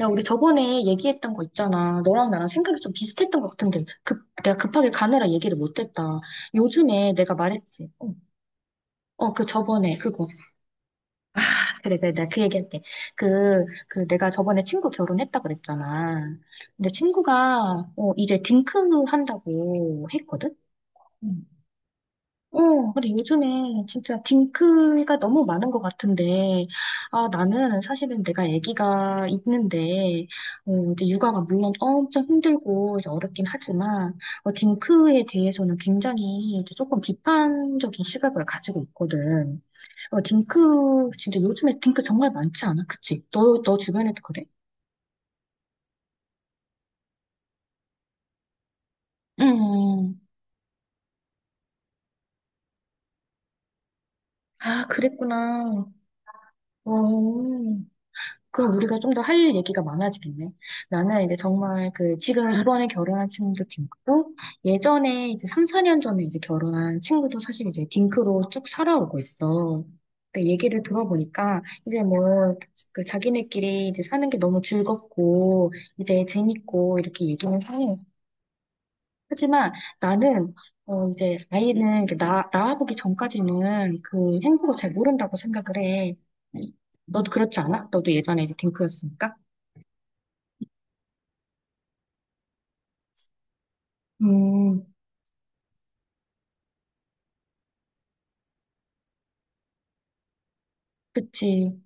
야, 우리 저번에 얘기했던 거 있잖아. 너랑 나랑 생각이 좀 비슷했던 것 같은데, 내가 급하게 가느라 얘기를 못했다. 요즘에 내가 말했지. 그 저번에 그거. 아, 그래, 그래, 내가 그 얘기할게. 그, 내가 저번에 친구 결혼했다 그랬잖아. 근데 친구가 이제 딩크 한다고 했거든? 근데 요즘에 진짜 딩크가 너무 많은 것 같은데, 아, 나는 사실은 내가 아기가 있는데, 이제 육아가 물론 엄청 힘들고 이제 어렵긴 하지만, 딩크에 대해서는 굉장히 이제 조금 비판적인 시각을 가지고 있거든. 딩크, 진짜 요즘에 딩크 정말 많지 않아? 그치? 너 주변에도 그래? 음, 아, 그랬구나. 어, 그럼 우리가 좀 더 할 일 얘기가 많아지겠네. 나는 이제 정말 그 지금 이번에 결혼한 친구도 딩크고 예전에 이제 3, 4년 전에 이제 결혼한 친구도 사실 이제 딩크로 쭉 살아오고 있어. 근데 얘기를 들어보니까 이제 뭐 그 자기네끼리 이제 사는 게 너무 즐겁고 이제 재밌고 이렇게 얘기는 해. 하지만 나는 이제 아이는 이렇게 나 낳아보기 전까지는 그 행복을 잘 모른다고 생각을 해. 너도 그렇지 않아? 너도 예전에 이제 딩크였으니까. 음, 그치.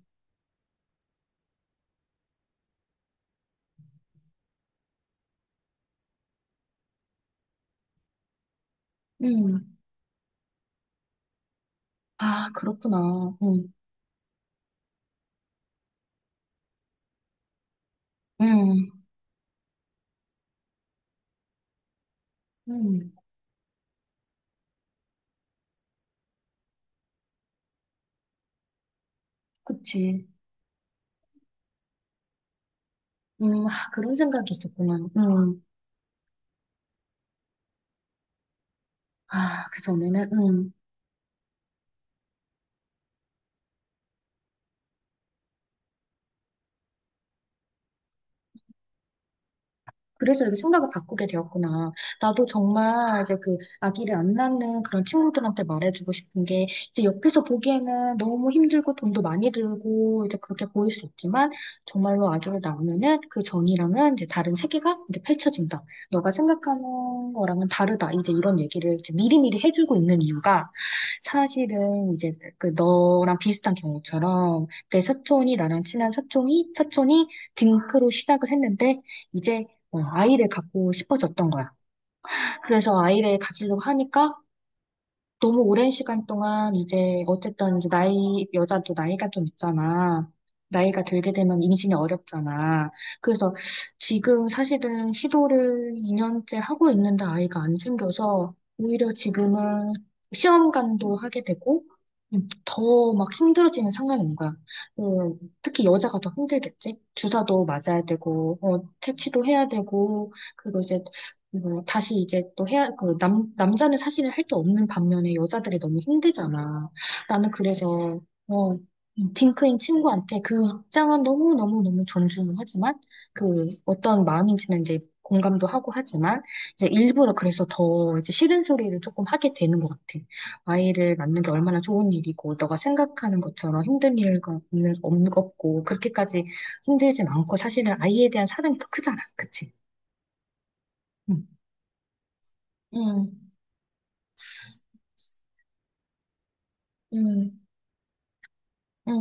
음, 아, 그렇구나. 음, 음, 음, 그치. 아, 그런 생각이 있었구나. 아, 그 전에는, 그래서 이렇게 생각을 바꾸게 되었구나. 나도 정말 이제 그 아기를 안 낳는 그런 친구들한테 말해주고 싶은 게 이제 옆에서 보기에는 너무 힘들고 돈도 많이 들고 이제 그렇게 보일 수 있지만 정말로 아기를 낳으면은 그 전이랑은 이제 다른 세계가 이렇게 펼쳐진다. 너가 생각하는 거랑은 다르다. 이제 이런 얘기를 이제 미리미리 해주고 있는 이유가 사실은 이제 그 너랑 비슷한 경우처럼 내 사촌이 나랑 친한 사촌이 딩크로 시작을 했는데 이제 아이를 갖고 싶어졌던 거야. 그래서 아이를 가지려고 하니까 너무 오랜 시간 동안 이제 어쨌든 이제 나이, 여자도 나이가 좀 있잖아. 나이가 들게 되면 임신이 어렵잖아. 그래서 지금 사실은 시도를 2년째 하고 있는데 아이가 안 생겨서 오히려 지금은 시험관도 하게 되고 더막 힘들어지는 상황이 온 거야. 특히 여자가 더 힘들겠지? 주사도 맞아야 되고, 퇴치도 해야 되고, 그리고 이제 뭐 다시 이제 또 해야, 그 남자는 사실은 할 게 없는 반면에 여자들이 너무 힘들잖아. 나는 그래서, 어, 딩크인 친구한테 그 입장은 너무너무너무 존중하지만, 그 어떤 마음인지는 이제 공감도 하고 하지만, 이제 일부러 그래서 더 이제 싫은 소리를 조금 하게 되는 것 같아. 아이를 낳는 게 얼마나 좋은 일이고, 너가 생각하는 것처럼 힘든 일과 없는, 없는 없고, 그렇게까지 힘들진 않고, 사실은 아이에 대한 사랑이 더 크잖아. 그치? 응. 응. 응, 응,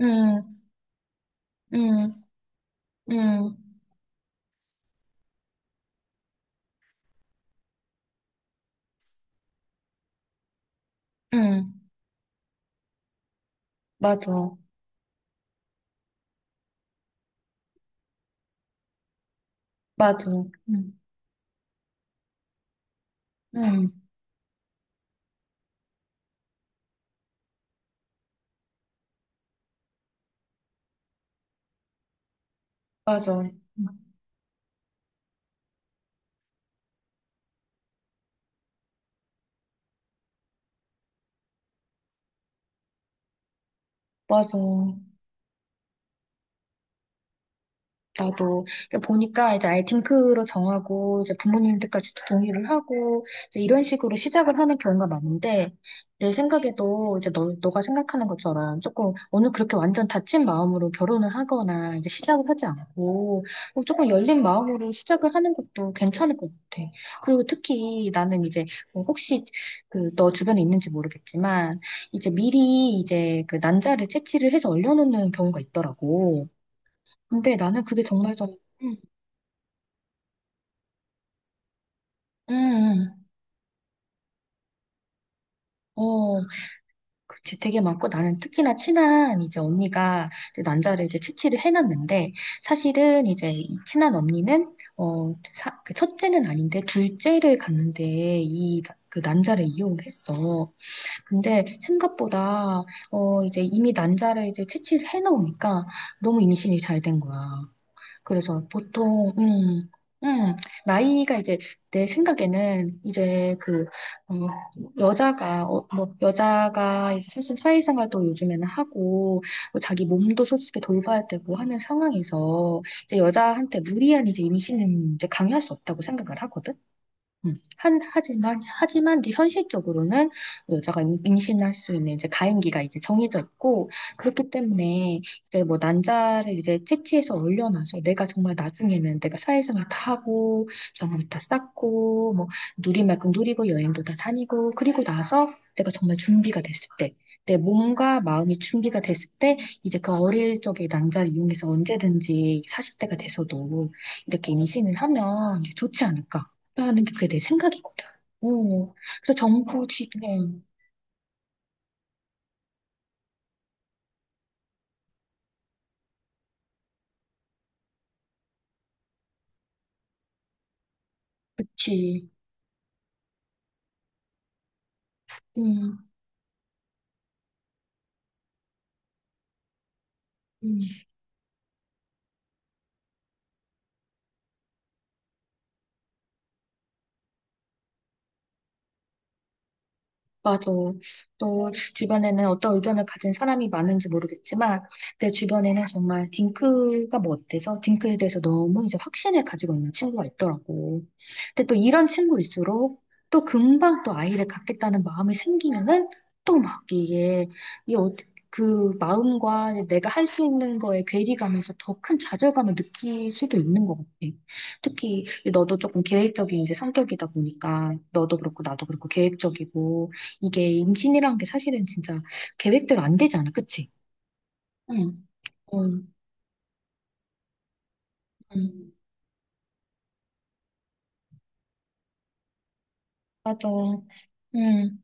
응, 응, 응, 응, 맞아, 맞아, 응, 응, 맞아, 맞아. 나도 그러니까 보니까 이제 아예 딩크로 정하고 이제 부모님들까지 동의를 하고 이제 이런 식으로 시작을 하는 경우가 많은데 내 생각에도 이제 너가 생각하는 것처럼 조금 오늘 그렇게 완전 닫힌 마음으로 결혼을 하거나 이제 시작을 하지 않고 뭐 조금 열린 마음으로 시작을 하는 것도 괜찮을 것 같아. 그리고 특히 나는 이제 뭐 혹시 그 너 주변에 있는지 모르겠지만 이제 미리 이제 그 난자를 채취를 해서 얼려놓는 경우가 있더라고. 근데 나는 그게 정말 좀. 음, 음, 음. 어, 그치, 되게 많고 나는 특히나 친한 이제 언니가 이제 난자를 이제 채취를 해놨는데 사실은 이제 이 친한 언니는 그 첫째는 아닌데 둘째를 갔는데 이 그 난자를 이용을 했어. 근데 생각보다 이제 이미 난자를 이제 채취를 해놓으니까 너무 임신이 잘 된 거야. 그래서 보통, 음, 나이가 이제 내 생각에는 이제 어, 여자가, 뭐, 여자가 이제 사실 사회생활도 요즘에는 하고, 뭐 자기 몸도 솔직히 돌봐야 되고 하는 상황에서 이제 여자한테 무리한 이제 임신은 이제 강요할 수 없다고 생각을 하거든? 하지만 이제 현실적으로는 여자가 임신할 수 있는 이제 가임기가 이제 정해져 있고, 그렇기 때문에 이제 뭐 난자를 이제 채취해서 올려놔서 내가 정말 나중에는 내가 사회생활 다 하고, 경험을 다 쌓고, 뭐 누릴 만큼 누리고, 여행도 다 다니고, 그리고 나서 내가 정말 준비가 됐을 때, 내 몸과 마음이 준비가 됐을 때, 이제 그 어릴 적의 난자를 이용해서 언제든지 40대가 돼서도 이렇게 임신을 하면 이제 좋지 않을까. 라는 게 그게 내 생각이거든. 어. 그래서 정보 지금 그치. 음, 음. 맞아. 또 주변에는 어떤 의견을 가진 사람이 많은지 모르겠지만 내 주변에는 정말 딩크가 뭐 어때서 딩크에 대해서 너무 이제 확신을 가지고 있는 친구가 있더라고. 근데 또 이런 친구일수록 또 금방 또 아이를 갖겠다는 마음이 생기면은 또 막 이게 이 어- 그 마음과 내가 할 수 있는 거에 괴리감에서 더 큰 좌절감을 느낄 수도 있는 것 같아. 특히 너도 조금 계획적인 이제 성격이다 보니까 너도 그렇고 나도 그렇고 계획적이고 이게 임신이라는 게 사실은 진짜 계획대로 안 되잖아. 그치? 응, 응, 응, 맞아. 응.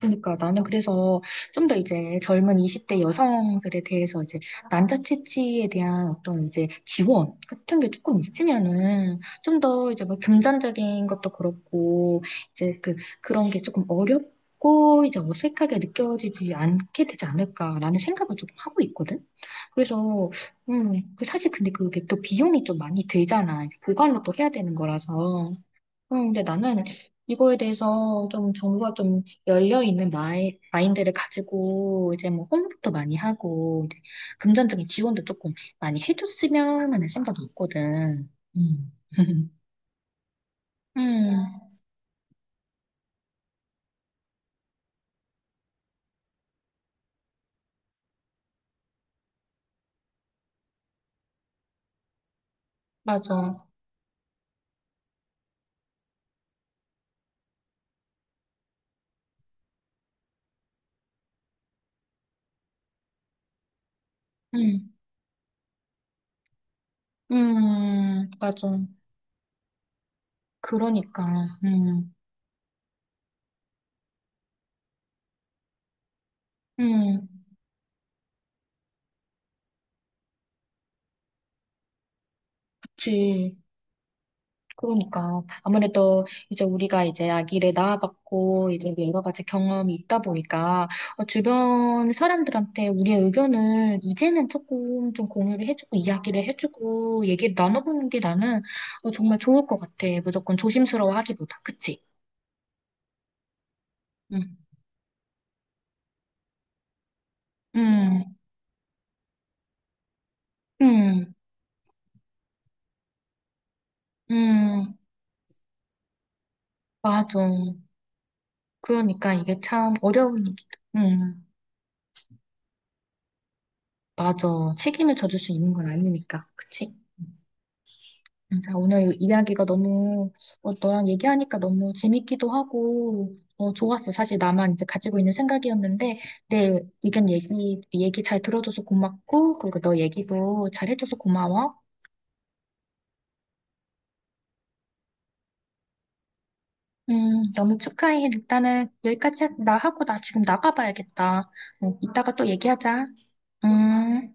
그러니까 나는 그래서 좀 더 이제 젊은 20대 여성들에 대해서 이제 난자 채취에 대한 어떤 이제 지원 같은 게 조금 있으면은 좀 더 이제 뭐 금전적인 것도 그렇고 이제 그 그런 게 조금 어렵고 이제 어색하게 느껴지지 않게 되지 않을까라는 생각을 조금 하고 있거든. 그래서 그 사실 근데 그게 또 비용이 좀 많이 들잖아. 이제 보관을 또 해야 되는 거라서. 근데 나는 이거에 대해서 좀 정부가 좀 열려있는 마이, 마인드를 가지고 이제 뭐 홍보도 많이 하고 이제 금전적인 지원도 조금 많이 해줬으면 하는 생각이 있거든. 음. 음, 맞아. 음, 맞아. 그러니까, 음, 음, 그치. 그러니까 아무래도 이제 우리가 이제 아기를 낳아봤고 이제 뭐 여러 가지 경험이 있다 보니까 주변 사람들한테 우리의 의견을 이제는 조금 좀 공유를 해주고 이야기를 해주고 얘기를 나눠보는 게 나는 정말 좋을 것 같아. 무조건 조심스러워하기보다, 그치? 응, 응, 응, 응, 맞아. 그러니까 이게 참 어려운 얘기다. 응, 맞아. 책임을 져줄 수 있는 건 아니니까, 그치? 자, 오늘 이 이야기가 너무, 너랑 얘기하니까 너무 재밌기도 하고, 좋았어. 사실 나만 이제 가지고 있는 생각이었는데, 내 의견 얘기 잘 들어줘서 고맙고, 그리고 너 얘기도 잘 해줘서 고마워. 너무 축하해. 일단은 여기까지 나 하고 나 지금 나가봐야겠다. 이따가 또 얘기하자. 음.